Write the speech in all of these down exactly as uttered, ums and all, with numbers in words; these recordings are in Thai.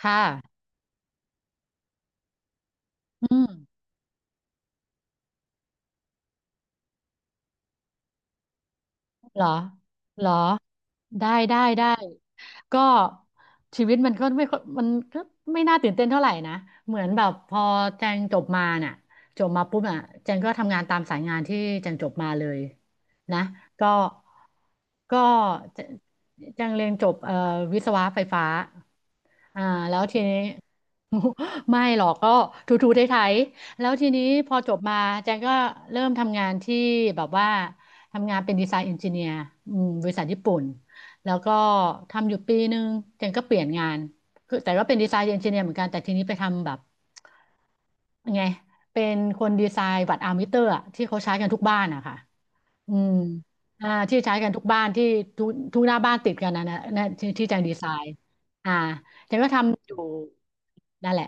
ค่ะอืมเหรอเหรอ ได้ได้ได้ก็ชีวิตมันก็ไม่ค่อยมันก็ไม่น่าตื่นเต้นเท่าไหร่นะ เหมือนแบบพอแจงจบมาน่ะจบมาปุ๊บอ่ะแจงก็ทำงานตามสายงานที่แจงจบมาเลยนะก็ก็แจแจงเรียนจบเอ่อวิศวะไฟฟ้าอ่าแล้วทีนี้ ไม่หรอกก็ถูๆไถๆแล้วทีนี้พอจบมาแจงก็เริ่มทำงานที่แบบว่า ทำงานเป็นดีไซน์เอนจิเนียร์บริษัทญี่ปุ่น แล้วก็ทำอยู่ปีหนึ่งเจนก็เปลี่ยนงานคือแต่ก็เป็นดีไซน์เอนจิเนียร์เหมือนกัน แต่ทีนี้ไปทำแบบยังไงเป็นคนดีไซน์วัดอาร์มิเตอร์อะที่เขาใช้กันทุกบ้านอะค่ะอืมอ่าที่ใช้กันทุกบ้านที่ทุกทุกหน้าบ้านติดกันนะนะนะที่ที่แจงดีไซน์อ่าเจงก็ทำอยู่ นั่นแหละ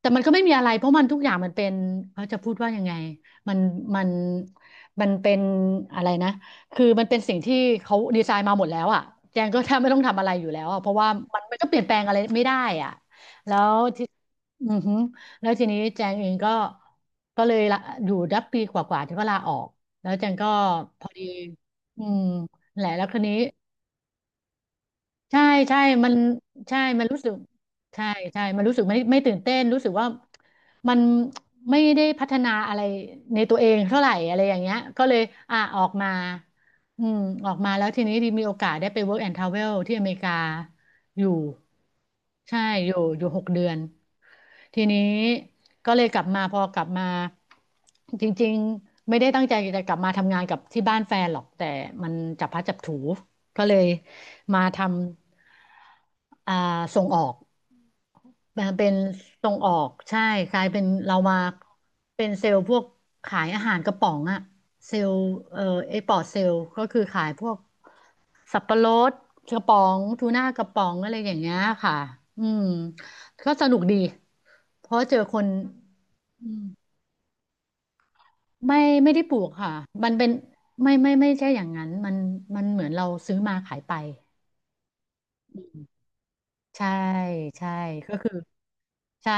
แต่มันก็ไม่มีอะไรเพราะมันทุกอย่างมันเป็นเขาจะพูดว่ายังไงมันมันมันเป็นอะไรนะคือมันเป็นสิ่งที่เขาดีไซน์มาหมดแล้วอ่ะแจงก็แทบไม่ต้องทำอะไรอยู่แล้วอ่ะเพราะว่ามันมันก็เปลี่ยนแปลงอะไรไม่ได้อ่ะแล้วที่อือฮึแล้วทีนี้แจงเองก็ก็เลยละอยู่ดับปีกว่าๆที่ก็ลาออกแล้วแจงก็พอดีอืมแหละแล้วคนนี้ ใช่ใช่มันใช่มันรู้สึกใช่ใช่มันรู้สึกไม่ไม่ตื่นเต้นรู้สึกว่ามันไม่ได้พัฒนาอะไรในตัวเองเท่าไหร่อะไรอย่างเงี้ยก็เลยอ่ะออกมาอืมออกมาแล้วทีนี้ีมีโอกาสได้ไป work and travel ที่อเมริกาอยู่ใช่อยู่อยู่หกเดือนทีนี้ก็เลยกลับมาพอกลับมาจริงๆไม่ได้ตั้งใจจะกลับมาทำงานกับที่บ้านแฟนหรอกแต่มันจับพลัดจับผลูก็เลย มาทำอ่าส่งออกมาเป็นส่งออก ใช่กลายเป็นเรามาเป็นเซลล์พวกขายอาหารกระป๋องอะเซลล์เอ่อเอ็กพอร์ตเซลล์ก็คือขายพวกสับปะรดกระป๋องทูน่ากระป๋องอะไรอย่างเงี้ยค่ะอืมก็สนุกดี เพราะเจอคนอืมไม่ไม่ได้ปลูกค่ะ มันเป็นไม่ไม่ไม่ใช่อย่างนั้นมันมันเหมือนเราซื้อมาขายไป ใช่ใช่ก็คือใช่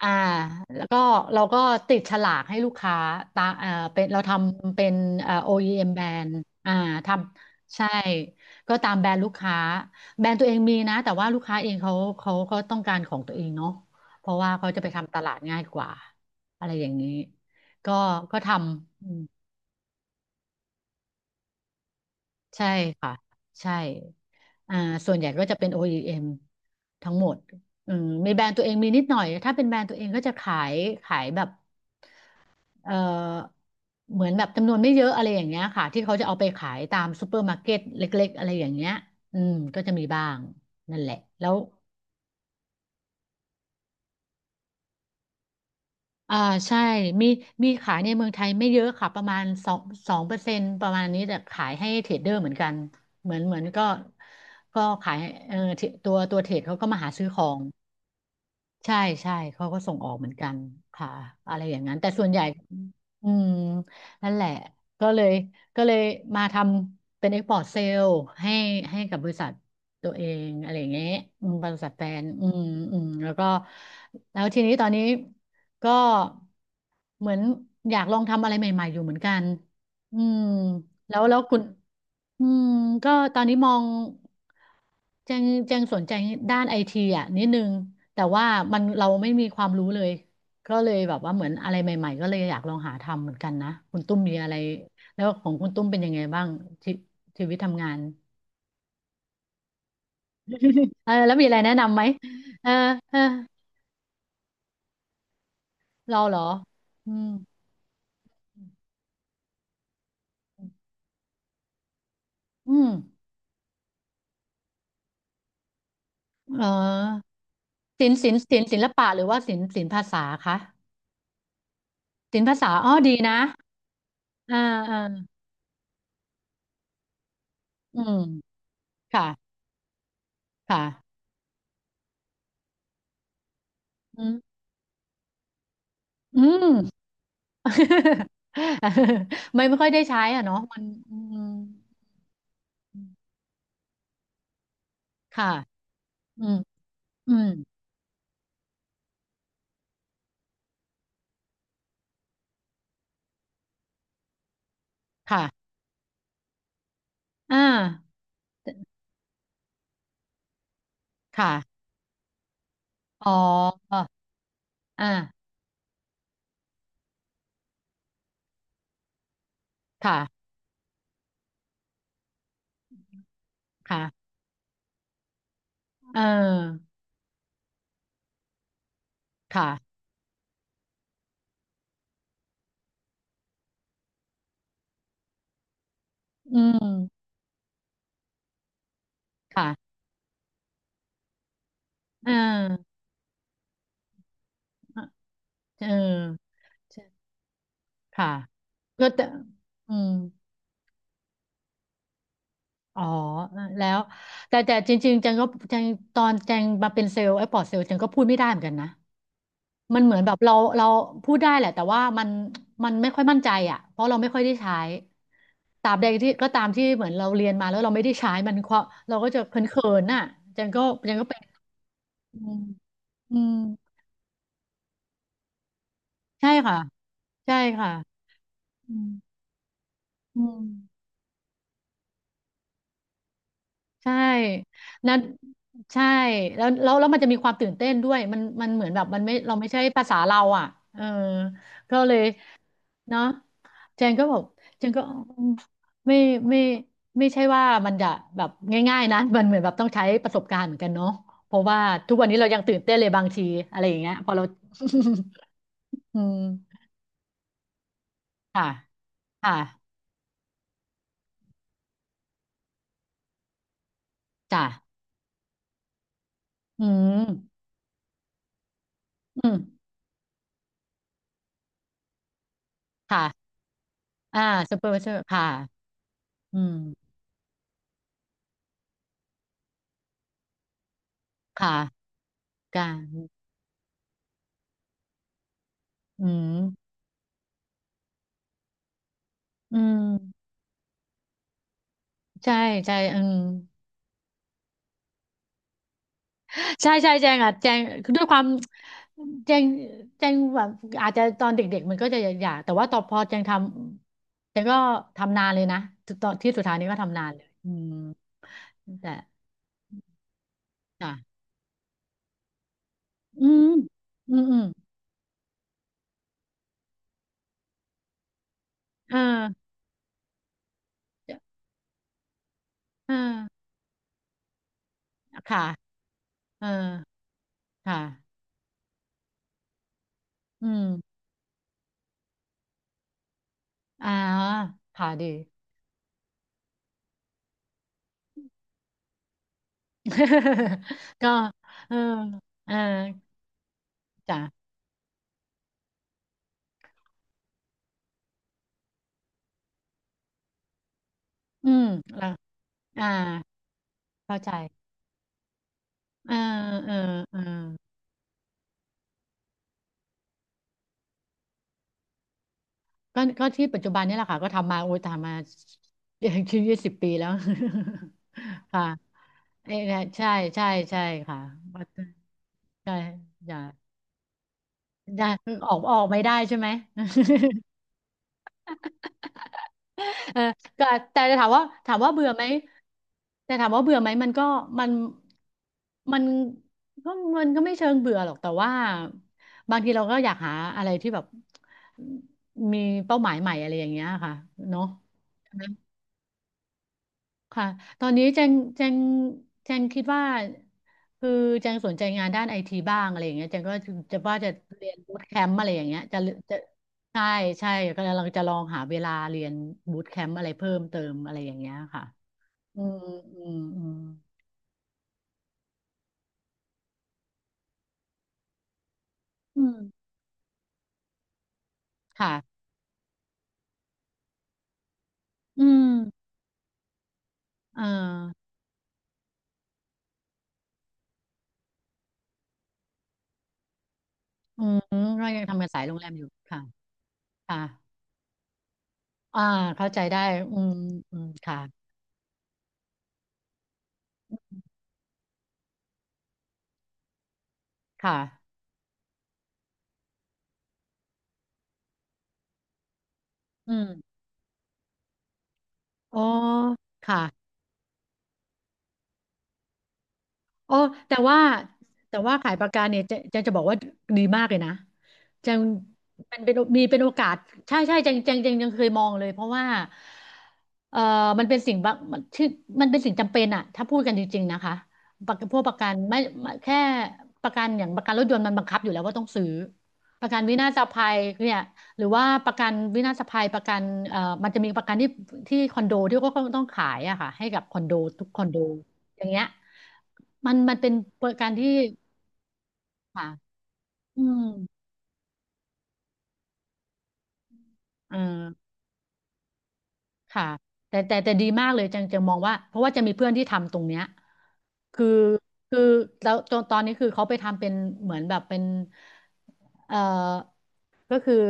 อ่าแล้วก็เราก็ติดฉลากให้ลูกค้าตาอ่าเป็นเราทำเป็นอ่า โอ อี เอ็ม แบรนด์อ่าทำใช่ก็ตามแบรนด์ลูกค้าแบรนด์ตัวเองมีนะแต่ว่าลูกค้าเองเขาเขาก็ต้องการของตัวเองเนาะเพราะว่าเขาจะไปทำตลาดง่ายกว่าอะไรอย่างนี้ก็ก็ทำอืมใช่ค่ะใช่อ่าส่วนใหญ่ก็จะเป็น โอ อี เอ็ม ทั้งหมดอืมมีแบรนด์ตัวเองมีนิดหน่อยถ้าเป็นแบรนด์ตัวเองก็จะขายขายแบบ เอ่อเหมือนแบบจำนวนไม่เยอะอะไรอย่างเงี้ยค่ะที่เขาจะเอาไปขายตามซูเปอร์มาร์เก็ตเล็กๆอะไรอย่างเงี้ยอืมก็จะมีบ้างนั่นแหละแล้วอ่าใช่มีมีขายในเมืองไทยไม่เยอะค่ะประมาณสองสองเปอร์เซ็นต์ประมาณนี้แต่ขายให้เทรดเดอร์เหมือนกันเหมือนเหมือนก็ก็ขายเออเทรดตัวตัวเทรดเขาก็มาหาซื้อของ ใช่ใช่เขาก็ส่งออกเหมือนกันค่ะอะไรอย่างนั้นแต่ส่วนใหญ่อืมนั่นแหละก็เลยก็เลยมาทำเป็น export sale ให้ให้กับบริษัทตัวเองอะไรอย่างเงี้ยอืมบริษัทแฟนอืมอืมแล้วก็แล้วทีนี้ตอนนี้ก็เหมือนอยากลองทำอะไรใหม่ๆอยู่เหมือนกัน อืมแล้วแล้วคุณอืมก็ตอนนี้มองแจงแจงสนใจด้านไอทีอ่ะนิดนึงแต่ว่ามันเราไม่มีความรู้เลยก็เลยแบบว่าเหมือนอะไรใหม่ๆก็เลยอยากลองหาทำเหมือนกันนะคุณตุ้มมีอะไรแล้วของคุณตุ้มเป็นยังไงบ้างชีชีวิตทำงานเออแล้วมีอะไรแนะนำไหมเออเออเราเหรออืมอืมเออศิลป์ศิลป์ศิลป์ศิลปะหรือว่าศิลป์ศิลป์ภาษาคะศิลป์ภาษาอ๋อดีนะอ่าอ่า อืมค่ะ ค่ะ อืมอืม ไม่ไม่ค่อยได้ใช้อ่ะเนาะมันอืมค่ะ อืมอืมค่ะอ่าค่ะอ๋ออ่าค่ะค่ะเออค่ะอืมค่ะเออเออใช่ค่ะก็แต่อืมอ๋อเออแล้วแต่แต่จริงๆจังก็จังตอนจังมาเป็นเซลล์ไอ้ปอดเซลล์จังก็พูดไม่ได้เหมือนกันนะ มันเหมือนแบบเราเราพูดได้แหละแต่ว่ามันมันไม่ค่อยมั่นใจอ่ะเพราะเราไม่ค่อยได้ใช้ตราบใดที่ก็ตามที่เหมือนเราเรียนมาแล้วเราไม่ได้ใช้มันก็เราก็จะเขินๆน่ะจังก็จังก็เป็นอืมอืมใช่ค่ะใช่ค่ะอืมอืมใช่นั้นใช่แล้วแล้วแล้วมันจะมีความตื่นเต้นด้วยมันมันเหมือนแบบมันไม่เราไม่ใช่ภาษาเราอ่ะเออก็เลย เนาะเจนก็บอกเจนก็อืมไม่ไม่ไม่ใช่ว่ามันจะแบบง่ายๆนะมันเหมือนแบบต้องใช้ประสบการณ์เหมือนกันเนาะเพราะว่าทุกวันนี้เรายังตื่นเต้นเลยบางทีอะไรอย่างเงี้ยพอเรา อืมค่ะค่ะจ้ะอืมอืมค่ะอ่าซูเปอร์วิเซอร์ค่ะอืมค่ะการอืมอืมใช่ใช่อืม ใช่ใช่แจงอ่ะแจงคือด้วยความแจงแจงแบบอาจจะตอนเด็กๆมันก็จะอยากแต่ว่าต่อพอแจงทำแจงก็ทำนานเลยนะตอนที่สุดท้ายนี้ก็ทำนานเลยอืมแต่อ่ะอืมอืมอืมเออเออค่ะเออค่ะอืมอ่าค่ะดี ก็เออเออจ้ะอืมแล้วอ่าเข้าใจเออเออเออ ก็ก็ที่ปัจจุบันนี่แหละค่ะก็ทำมาโอ้ยทำมา อย่างชีวิตสิบปีแล้ว ค่ะเอ้ยนะใช่ใช่ใช่ค่ะว่าใช่อย่าอย่าออกออกไม่ได้ใช่ไหม เออก็แต่จะถามว่าถามว่าเบื่อไหมแต่ถามว่าเบื่อไหมมันก็มันมันก็มันก็ไม่เชิงเบื่อหรอกแต่ว่าบางทีเราก็อยากหาอะไรที่แบบมีเป้าหมายใหม่อะไรอย่างเงี้ยค่ะเนาะ ค่ะตอนนี้แจงแจงแจงคิดว่าคือแจงสนใจงานด้านไอทีบ้างอะไรอย่างเงี้ยแจงก็จะว่าจะเรียนบูตแคมป์อะไรอย่างเงี้ยจะจะใช่ใช่กำลังจะลองหาเวลาเรียนบูตแคมป์อะไรเพิ่มเติมอะไรอย่างเงี้ยค่ะอืมอืมอืมอืมค่ะอืมเอออืมก็ยังทำงานสายโรงแรมอยู่ค่ะค่ะอ่าเข้าใจได้อืมอืมค่ะค่ะอืมอ๋อค่ะ อ๋อแต่ว่าแต่ว่าขายปากกาเนี่ยเจะจะจะบอกว่าดีมากเลยนะจังมันเป็นมีเป็นโอกาสใช่ใช่จังจังจังยังเคยมองเลยเพราะว่าเอ่อมันเป็นสิ่งบางมันที่มันเป็นสิ่งจำเป็นอะถ้าพูดกันจริงๆนะคะประกันพวกประกันไม่ไม่แค่ประกันอย่างประกันรถยนต์มันบังคับอยู่แล้วว่าต้องซื้อประกันวินาศภัยเนี่ยหรือว่าประกันวินาศภัยประกันเอ่อมันจะมีประกันที่ที่คอนโดที่ก็ต้องขายอะค่ะให้กับคอนโดทุกคอนโด อย่างเงี้ยมันมันเป็นการที่ค่ะอืมเออค่ะแต่แต่แต่ดีมากเลยจังจะมองว่าเพราะว่าจะมีเพื่อนที่ทำตรงเนี้ยคือคือแล้วตอนตอนนี้คือเขาไปทำเป็นเหมือนแบบเป็นเอ่อก็คือ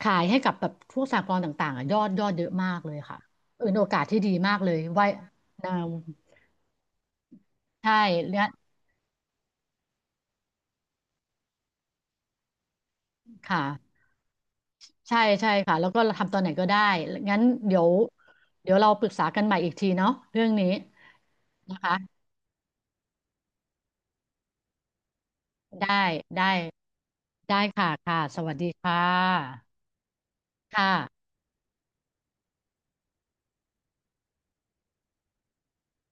ขายให้กับแบบพวกสหกรณ์ต่างๆอะยอดยอดเยอะมากเลยค่ะเออเป็นโอกาสที่ดีมากเลยไว้นะใช่และค่ะ ใช่ใช่ค่ะแล้วก็เราทำตอนไหนก็ได้ งั้นเดี๋ยวเดี๋ยวเราปรึกษากันใหม่อีกทีเนาะเรื่องนี้นะคะได้ได้ได้ค่ะค่ะสวัสดีค่ะค่ะ